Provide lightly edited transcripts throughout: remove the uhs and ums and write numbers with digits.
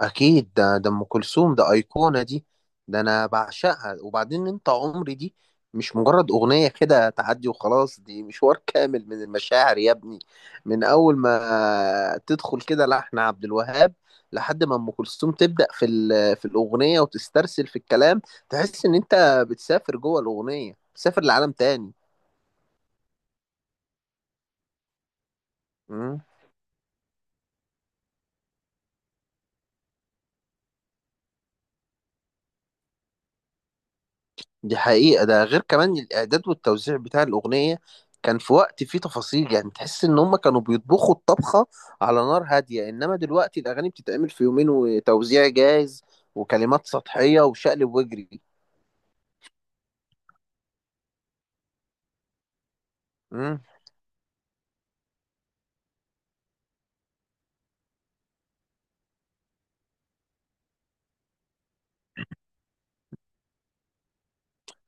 اكيد ده ام كلثوم ده ايقونه دي. ده انا بعشقها، وبعدين انت عمري دي مش مجرد اغنيه كده تعدي وخلاص، دي مشوار كامل من المشاعر يا ابني. من اول ما تدخل كده لحن عبد الوهاب لحد ما ام كلثوم تبدا في الاغنيه وتسترسل في الكلام، تحس ان انت بتسافر جوه الاغنيه، بتسافر لعالم تاني. دي حقيقة، ده غير كمان الإعداد والتوزيع بتاع الأغنية. كان في وقت فيه تفاصيل، يعني تحس إن هما كانوا بيطبخوا الطبخة على نار هادية. إنما دلوقتي الأغاني بتتعمل في يومين وتوزيع جاهز وكلمات سطحية وشقلب واجري. مم.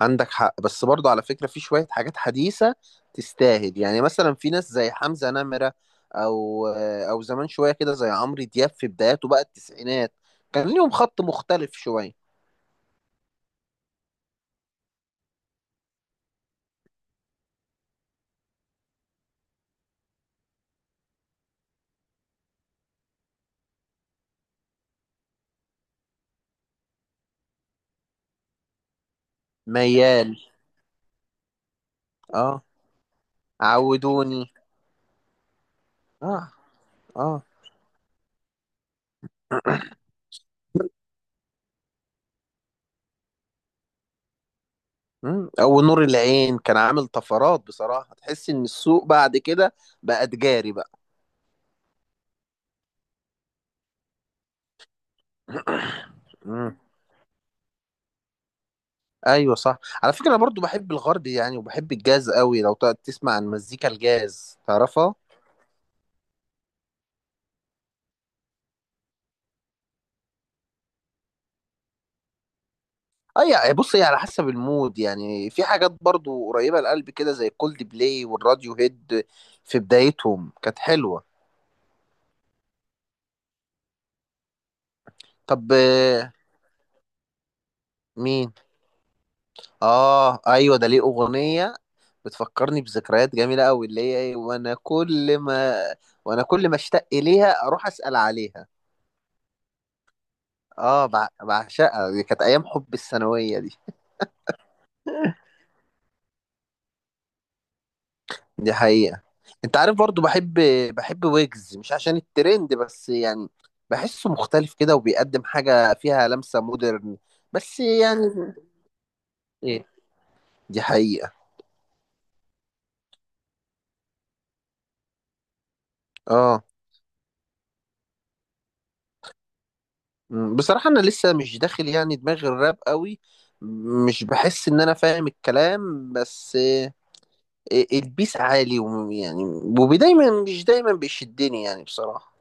عندك حق، بس برضه على فكرة في شوية حاجات حديثة تستاهل. يعني مثلا في ناس زي حمزة نمرة، أو أو زمان شوية كده زي عمرو دياب في بداياته بقى التسعينات، كان ليهم خط مختلف شوية. ميال، اه. عودوني. اه. اه. او نور العين كان عامل طفرات بصراحة، تحس ان السوق بعد كده بقى تجاري بقى. مم. ايوه صح، على فكرة انا برضو بحب الغرب يعني، وبحب الجاز قوي. لو تقعد تسمع عن مزيكا الجاز، تعرفها. اي، بص هي على حسب المود، يعني في حاجات برضو قريبة للقلب كده زي كولد بلاي والراديو هيد في بدايتهم كانت حلوة. طب مين؟ اه ايوه ده ليه اغنيه بتفكرني بذكريات جميله قوي اللي هي ايه، وانا كل ما وانا كل ما اشتاق اليها اروح اسال عليها. اه، بعشقها، دي كانت ايام حب الثانويه دي. دي حقيقه. انت عارف، برضو بحب بحب ويجز، مش عشان الترند بس يعني، بحسه مختلف كده وبيقدم حاجه فيها لمسه مودرن. بس يعني ايه. دي حقيقه. اه. بصراحة أنا لسه مش داخل يعني دماغي الراب قوي، مش بحس إن أنا فاهم الكلام. بس البيس عالي، ويعني ودايما مش دايما بيشدني يعني بصراحة.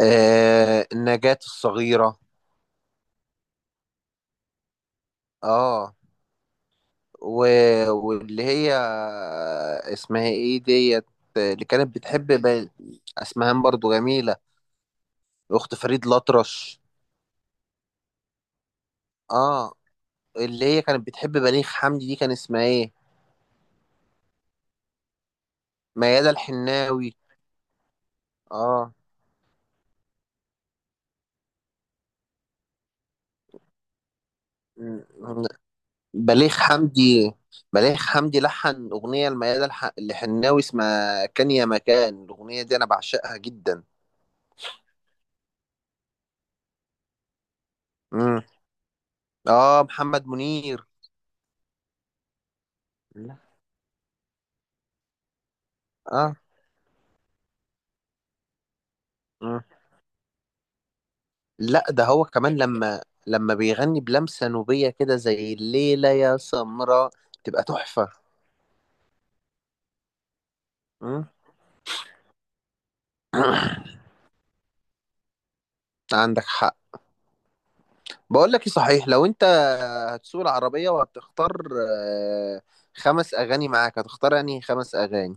آه، النجاة الصغيرة. اه و... واللي هي اسمها ايه ديت، اللي كانت اسمها برضو جميلة، أخت فريد الأطرش. اه، اللي هي كانت بتحب بليغ حمدي، دي كان اسمها ايه؟ ميادة الحناوي. اه. مم. بليغ حمدي. بليغ حمدي لحن أغنية لميادة الحناوي اسمها كان يا مكان، الأغنية دي أنا بعشقها جدا. مم. آه، محمد منير. لا. آه. مم. لا ده هو كمان لما لما بيغني بلمسة نوبية كده زي الليلة يا سمراء، تبقى تحفة. مم. عندك حق. بقول لك إيه صحيح، لو أنت هتسوق العربية وهتختار آه، خمس أغاني معاك، هتختار أنهي خمس أغاني؟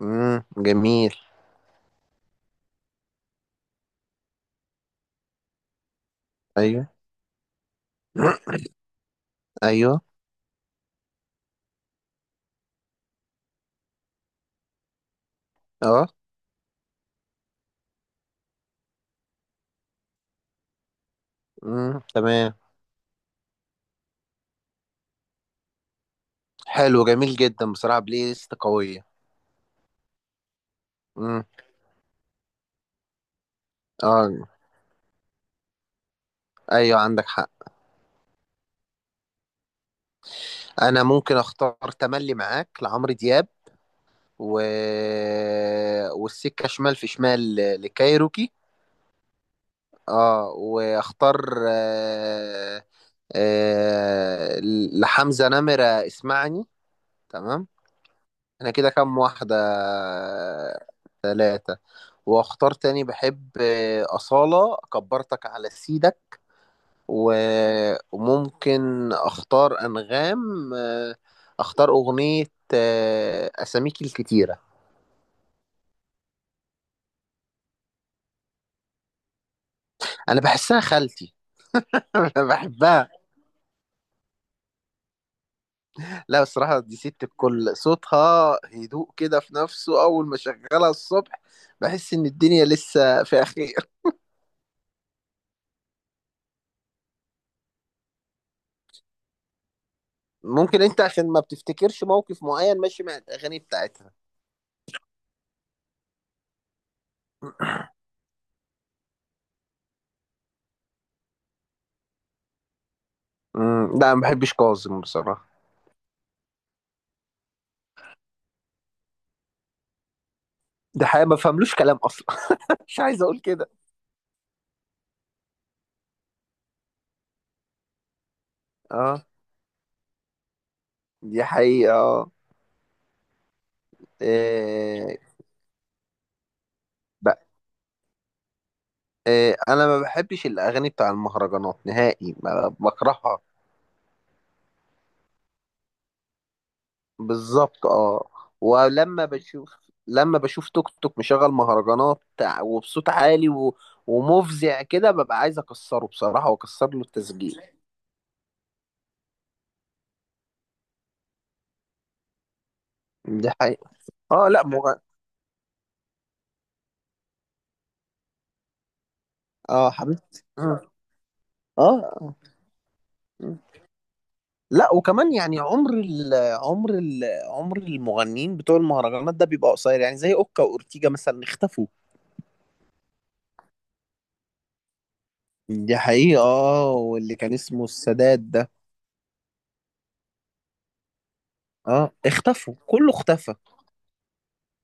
امم، جميل. ايوه. ايوه. اه. امم، تمام. حلو جميل جدا، بصراحة بلاي ليست قوية. امم. اه. ايوه عندك حق. انا ممكن اختار تملي معاك لعمرو دياب و... والسكة شمال في شمال لكايروكي. اه واختار آه... آه... لحمزة نمرة اسمعني، تمام. انا كده كام واحدة؟ ثلاثة. واختار تاني، بحب أصالة كبرتك على سيدك. و... وممكن اختار انغام، اختار اغنية اساميك الكتيرة. انا بحسها خالتي انا بحبها. لا بصراحة دي ست الكل، صوتها هدوء كده في نفسه، اول ما شغلها الصبح بحس ان الدنيا لسه في خير. ممكن انت عشان ما بتفتكرش موقف معين ماشي مع الاغاني بتاعتها. امم، لا ما بحبش كاظم بصراحة. ده حقيقة ما فهملوش كلام أصلا مش عايز أقول كده. اه دي حقيقة اه. إيه؟ بقى إيه، أنا ما بحبش الأغاني بتاع المهرجانات نهائي، ما بكرهها. بالظبط اه. ولما بشوف، لما بشوف توك توك مشغل مهرجانات وبصوت عالي ومفزع كده، ببقى عايز أكسره بصراحة، وأكسر له التسجيل. دي حقيقة اه. لا مغ... اه حبيبتي، اه. اه. آه. لا وكمان يعني عمر ال عمر المغنيين بتوع المهرجانات ده بيبقى قصير، يعني زي اوكا واورتيجا مثلا، اختفوا. دي حقيقة اه، واللي كان اسمه السادات ده اه، اختفوا، كله اختفى.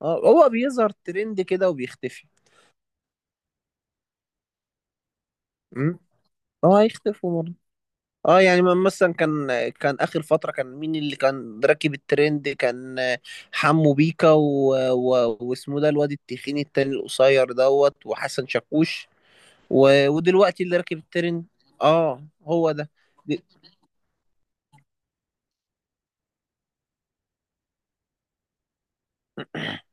اه هو بيظهر ترند كده وبيختفي. امم. اه هيختفوا برضه. اه يعني، مثلا كان اخر فترة كان مين اللي كان راكب الترند؟ كان حمو بيكا واسمه ده الواد التخين التاني القصير دوت، وحسن شاكوش. ودلوقتي اللي راكب الترند اه هو ده. دي,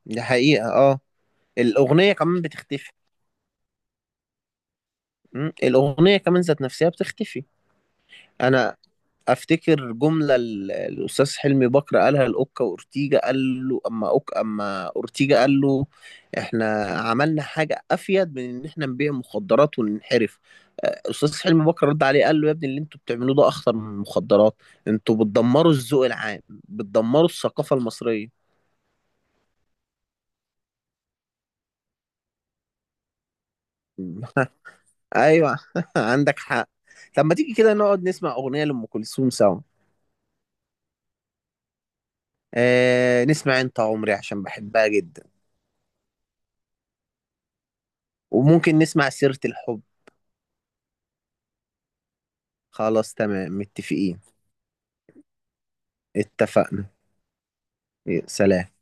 دي حقيقة اه. الأغنية كمان بتختفي. م? الأغنية كمان ذات نفسها بتختفي. أنا أفتكر جملة الأستاذ حلمي بكر قالها لأوكا وأورتيجا، قال له أما أوكا أما أورتيجا، قال له إحنا عملنا حاجة أفيد من إن إحنا نبيع مخدرات وننحرف. أستاذ حلمي بكر رد عليه قال له يا ابني، اللي أنتوا بتعملوه ده أخطر من المخدرات، أنتوا بتدمروا الذوق العام، بتدمروا الثقافة المصرية. ايوه عندك حق. طب ما تيجي كده نقعد نسمع اغنيه لام كلثوم سوا. آه نسمع انت عمري عشان بحبها جدا. وممكن نسمع سيره الحب. خلاص تمام، متفقين. اتفقنا. يا سلام.